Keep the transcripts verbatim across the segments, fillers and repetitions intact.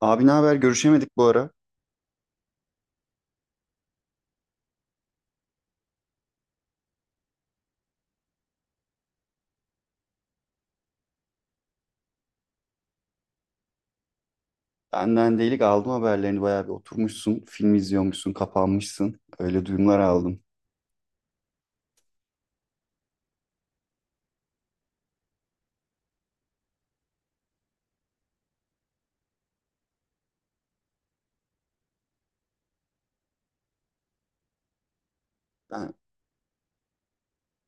Abi ne haber? Görüşemedik bu ara. Benden delik aldım haberlerini. Bayağı bir oturmuşsun, film izliyormuşsun, kapanmışsın. Öyle duyumlar aldım. Ben,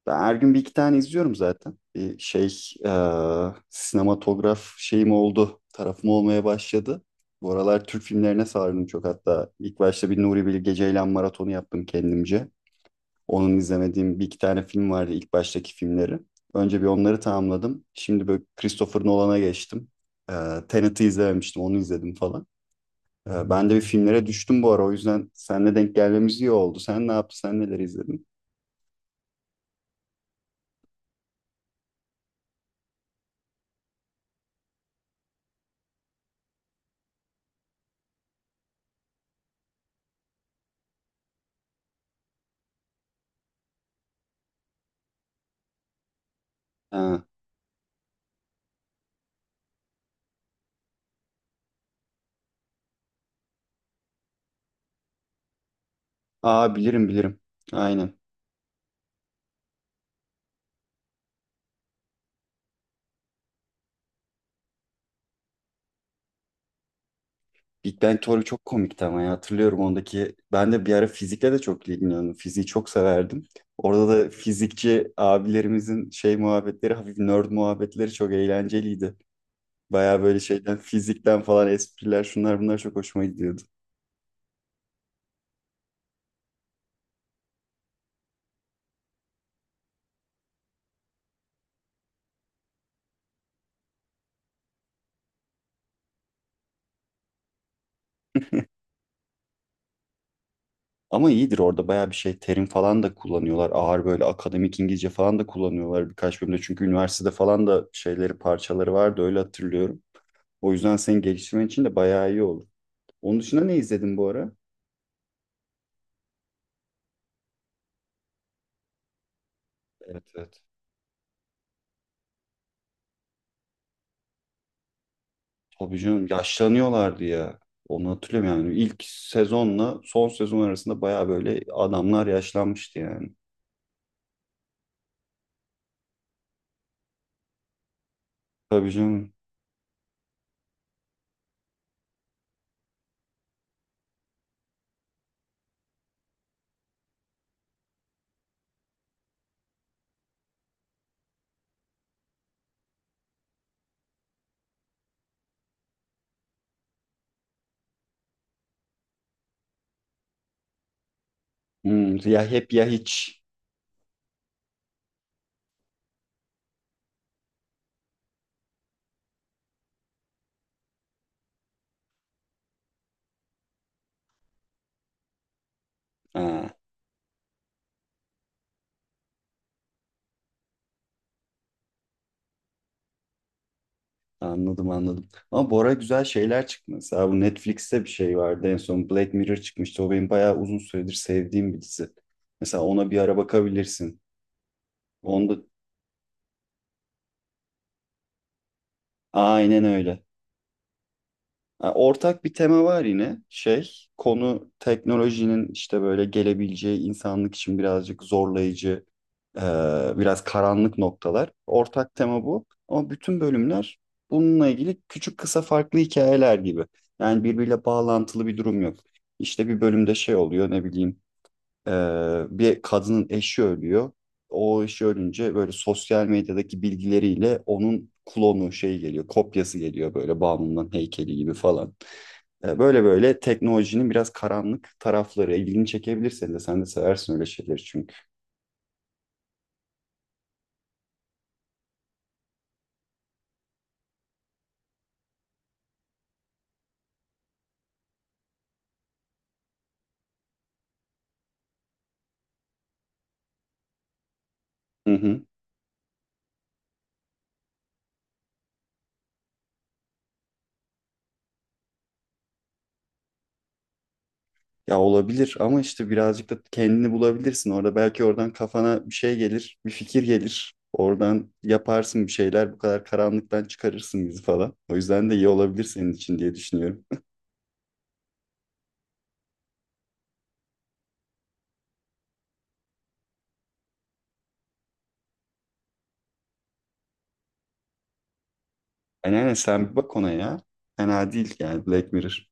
ben her gün bir iki tane izliyorum zaten. Bir şey, eee, sinematograf şeyim oldu. Tarafım olmaya başladı. Bu aralar Türk filmlerine sardım çok. Hatta ilk başta bir Nuri Bilge Ceylan maratonu yaptım kendimce. Onun izlemediğim bir iki tane film vardı ilk baştaki filmleri. Önce bir onları tamamladım. Şimdi böyle Christopher Nolan'a geçtim. Ee, Tenet'i izlememiştim, onu izledim falan. Ee, Ben de bir filmlere düştüm bu ara. O yüzden seninle denk gelmemiz iyi oldu. Sen ne yaptın? Sen neler izledin? Ha. Aa, bilirim bilirim. Aynen. Big Bang Theory çok komikti ama ya. Hatırlıyorum ondaki. Ben de bir ara fizikle de çok ilgileniyordum. Fiziği çok severdim. Orada da fizikçi abilerimizin şey muhabbetleri, hafif nerd muhabbetleri çok eğlenceliydi. Baya böyle şeyden, fizikten falan espriler şunlar bunlar çok hoşuma gidiyordu. Ama iyidir, orada bayağı bir şey terim falan da kullanıyorlar. Ağır böyle akademik İngilizce falan da kullanıyorlar birkaç bölümde. Çünkü üniversitede falan da şeyleri parçaları vardı öyle hatırlıyorum. O yüzden seni geliştirmen için de bayağı iyi olur. Onun dışında ne izledin bu ara? Evet, evet. Tabii canım, yaşlanıyorlardı ya. Onu hatırlıyorum yani. İlk sezonla son sezon arasında bayağı böyle adamlar yaşlanmıştı yani. Tabii canım. Hmm, ya hep ya hiç. Ha. Anladım, anladım. Ama bu ara güzel şeyler çıktı. Mesela bu Netflix'te bir şey vardı, en son Black Mirror çıkmıştı. O benim bayağı uzun süredir sevdiğim bir dizi. Mesela ona bir ara bakabilirsin. Onda aynen öyle. Ha, ortak bir tema var yine şey, konu teknolojinin işte böyle gelebileceği insanlık için birazcık zorlayıcı, e, biraz karanlık noktalar. Ortak tema bu ama bütün bölümler bununla ilgili küçük kısa farklı hikayeler gibi. Yani birbiriyle bağlantılı bir durum yok. İşte bir bölümde şey oluyor, ne bileyim, e, bir kadının eşi ölüyor. O eşi ölünce böyle sosyal medyadaki bilgileriyle onun klonu şey geliyor, kopyası geliyor, böyle bağımlının heykeli gibi falan. E, Böyle böyle teknolojinin biraz karanlık tarafları ilgini çekebilir senin de. Sen de seversin öyle şeyleri çünkü. Hı hı. Ya olabilir, ama işte birazcık da kendini bulabilirsin orada. Belki oradan kafana bir şey gelir, bir fikir gelir. Oradan yaparsın bir şeyler, bu kadar karanlıktan çıkarırsın bizi falan. O yüzden de iyi olabilir senin için diye düşünüyorum. Yani sen bir bak ona ya. Fena değil yani Black Mirror.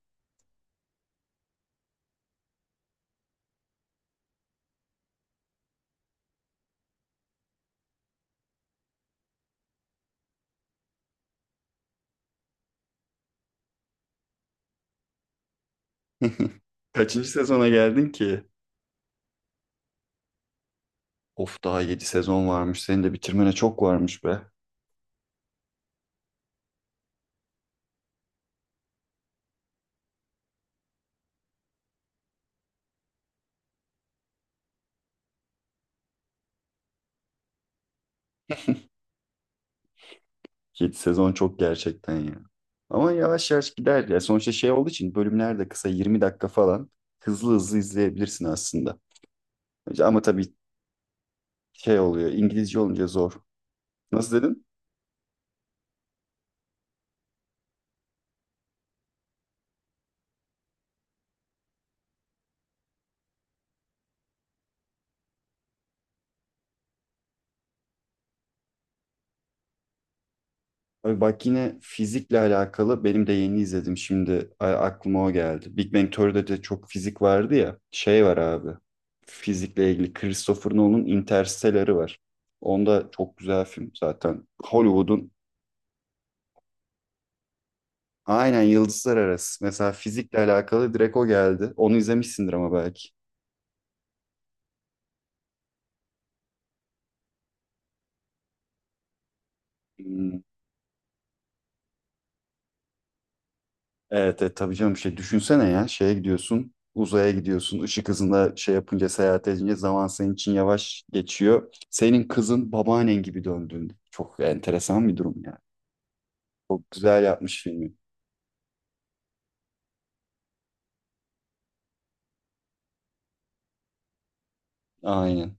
Kaçıncı sezona geldin ki? Of, daha yedi sezon varmış. Senin de bitirmene çok varmış be. yedi sezon çok gerçekten ya. Ama yavaş yavaş gider ya. Sonuçta şey olduğu için bölümler de kısa, yirmi dakika falan. Hızlı hızlı izleyebilirsin aslında. Ama tabii şey oluyor, İngilizce olunca zor. Nasıl dedin? Abi bak, yine fizikle alakalı benim de yeni izledim şimdi, a- aklıma o geldi. Big Bang Theory'de de çok fizik vardı ya. Şey var abi. Fizikle ilgili Christopher Nolan'ın Interstellar'ı var. Onda çok güzel film zaten. Hollywood'un aynen Yıldızlar Arası. Mesela fizikle alakalı direkt o geldi. Onu izlemişsindir ama belki. Hmm. Evet, evet tabii canım, şey düşünsene ya, şeye gidiyorsun, uzaya gidiyorsun, ışık hızında şey yapınca, seyahat edince zaman senin için yavaş geçiyor. Senin kızın babaannen gibi döndüğünde. Çok enteresan bir durum yani. Çok güzel yapmış filmi. Aynen.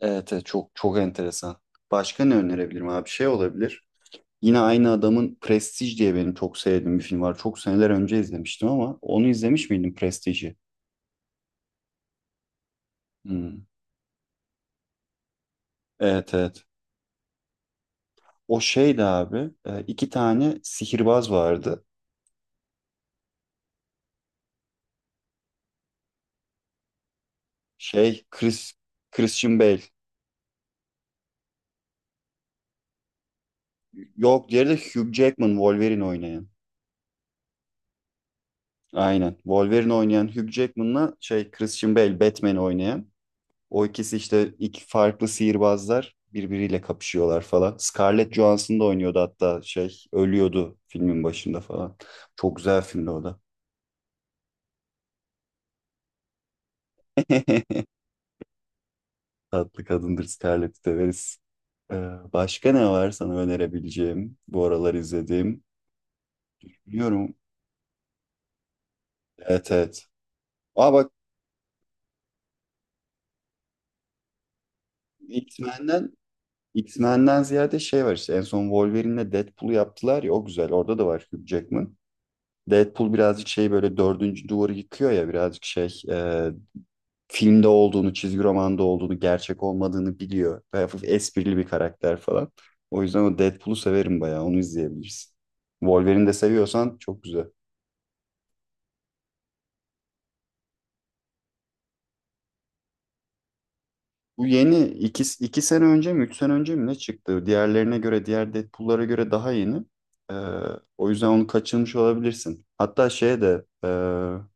Evet, evet, çok çok enteresan. Başka ne önerebilirim abi? Şey olabilir. Yine aynı adamın Prestige diye benim çok sevdiğim bir film var. Çok seneler önce izlemiştim, ama onu izlemiş miydin, Prestige'i? Hmm. Evet, evet. O şeydi abi. e, iki tane sihirbaz vardı. Şey, Chris Christian Bale. Yok, diğeri de Hugh Jackman, Wolverine oynayan. Aynen. Wolverine oynayan Hugh Jackman'la şey, Christian Bale, Batman oynayan. O ikisi işte, iki farklı sihirbazlar birbiriyle kapışıyorlar falan. Scarlett Johansson da oynuyordu hatta, şey ölüyordu filmin başında falan. Çok güzel filmdi o da. Tatlı kadındır, Scarlett severiz. Ee, Başka ne var sana önerebileceğim bu aralar izlediğim? Biliyorum. Evet, evet. Aa bak, X-Men'den X-Men'den ziyade şey var işte, en son Wolverine'le Deadpool'u yaptılar ya, o güzel. Orada da var Hugh Jackman. Deadpool birazcık şey böyle dördüncü duvarı yıkıyor ya, birazcık şey, e, filmde olduğunu, çizgi romanda olduğunu, gerçek olmadığını biliyor. Ve hafif esprili bir karakter falan. O yüzden o Deadpool'u severim bayağı, onu izleyebilirsin. Wolverine de seviyorsan çok güzel. Bu yeni iki, iki sene önce mi, üç sene önce mi ne çıktı? Diğerlerine göre, diğer Deadpool'lara göre daha yeni. Ee, O yüzden onu kaçırmış olabilirsin. Hatta şeye de e,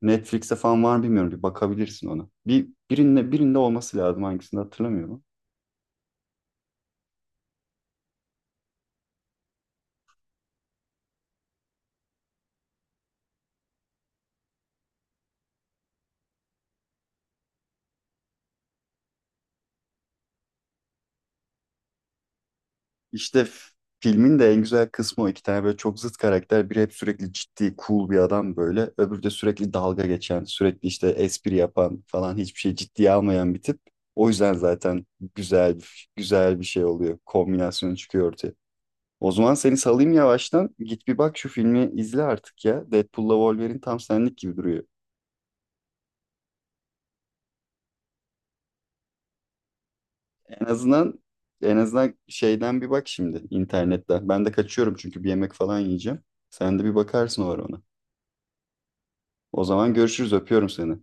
Netflix'te falan var mı bilmiyorum. Bir bakabilirsin ona. Bir, birinde, birinde olması lazım, hangisinde hatırlamıyorum. İşte f- filmin de en güzel kısmı o. İki tane böyle çok zıt karakter. Biri hep sürekli ciddi, cool bir adam böyle. Öbürü de sürekli dalga geçen, sürekli işte espri yapan falan, hiçbir şey ciddiye almayan bir tip. O yüzden zaten güzel bir- güzel bir şey oluyor. Kombinasyonu çıkıyor ortaya. O zaman seni salayım yavaştan. Git bir bak şu filmi izle artık ya. Deadpool'la Wolverine tam senlik gibi duruyor. En azından En azından şeyden bir bak şimdi internetten. Ben de kaçıyorum çünkü bir yemek falan yiyeceğim. Sen de bir bakarsın o ara ona. O zaman görüşürüz. Öpüyorum seni.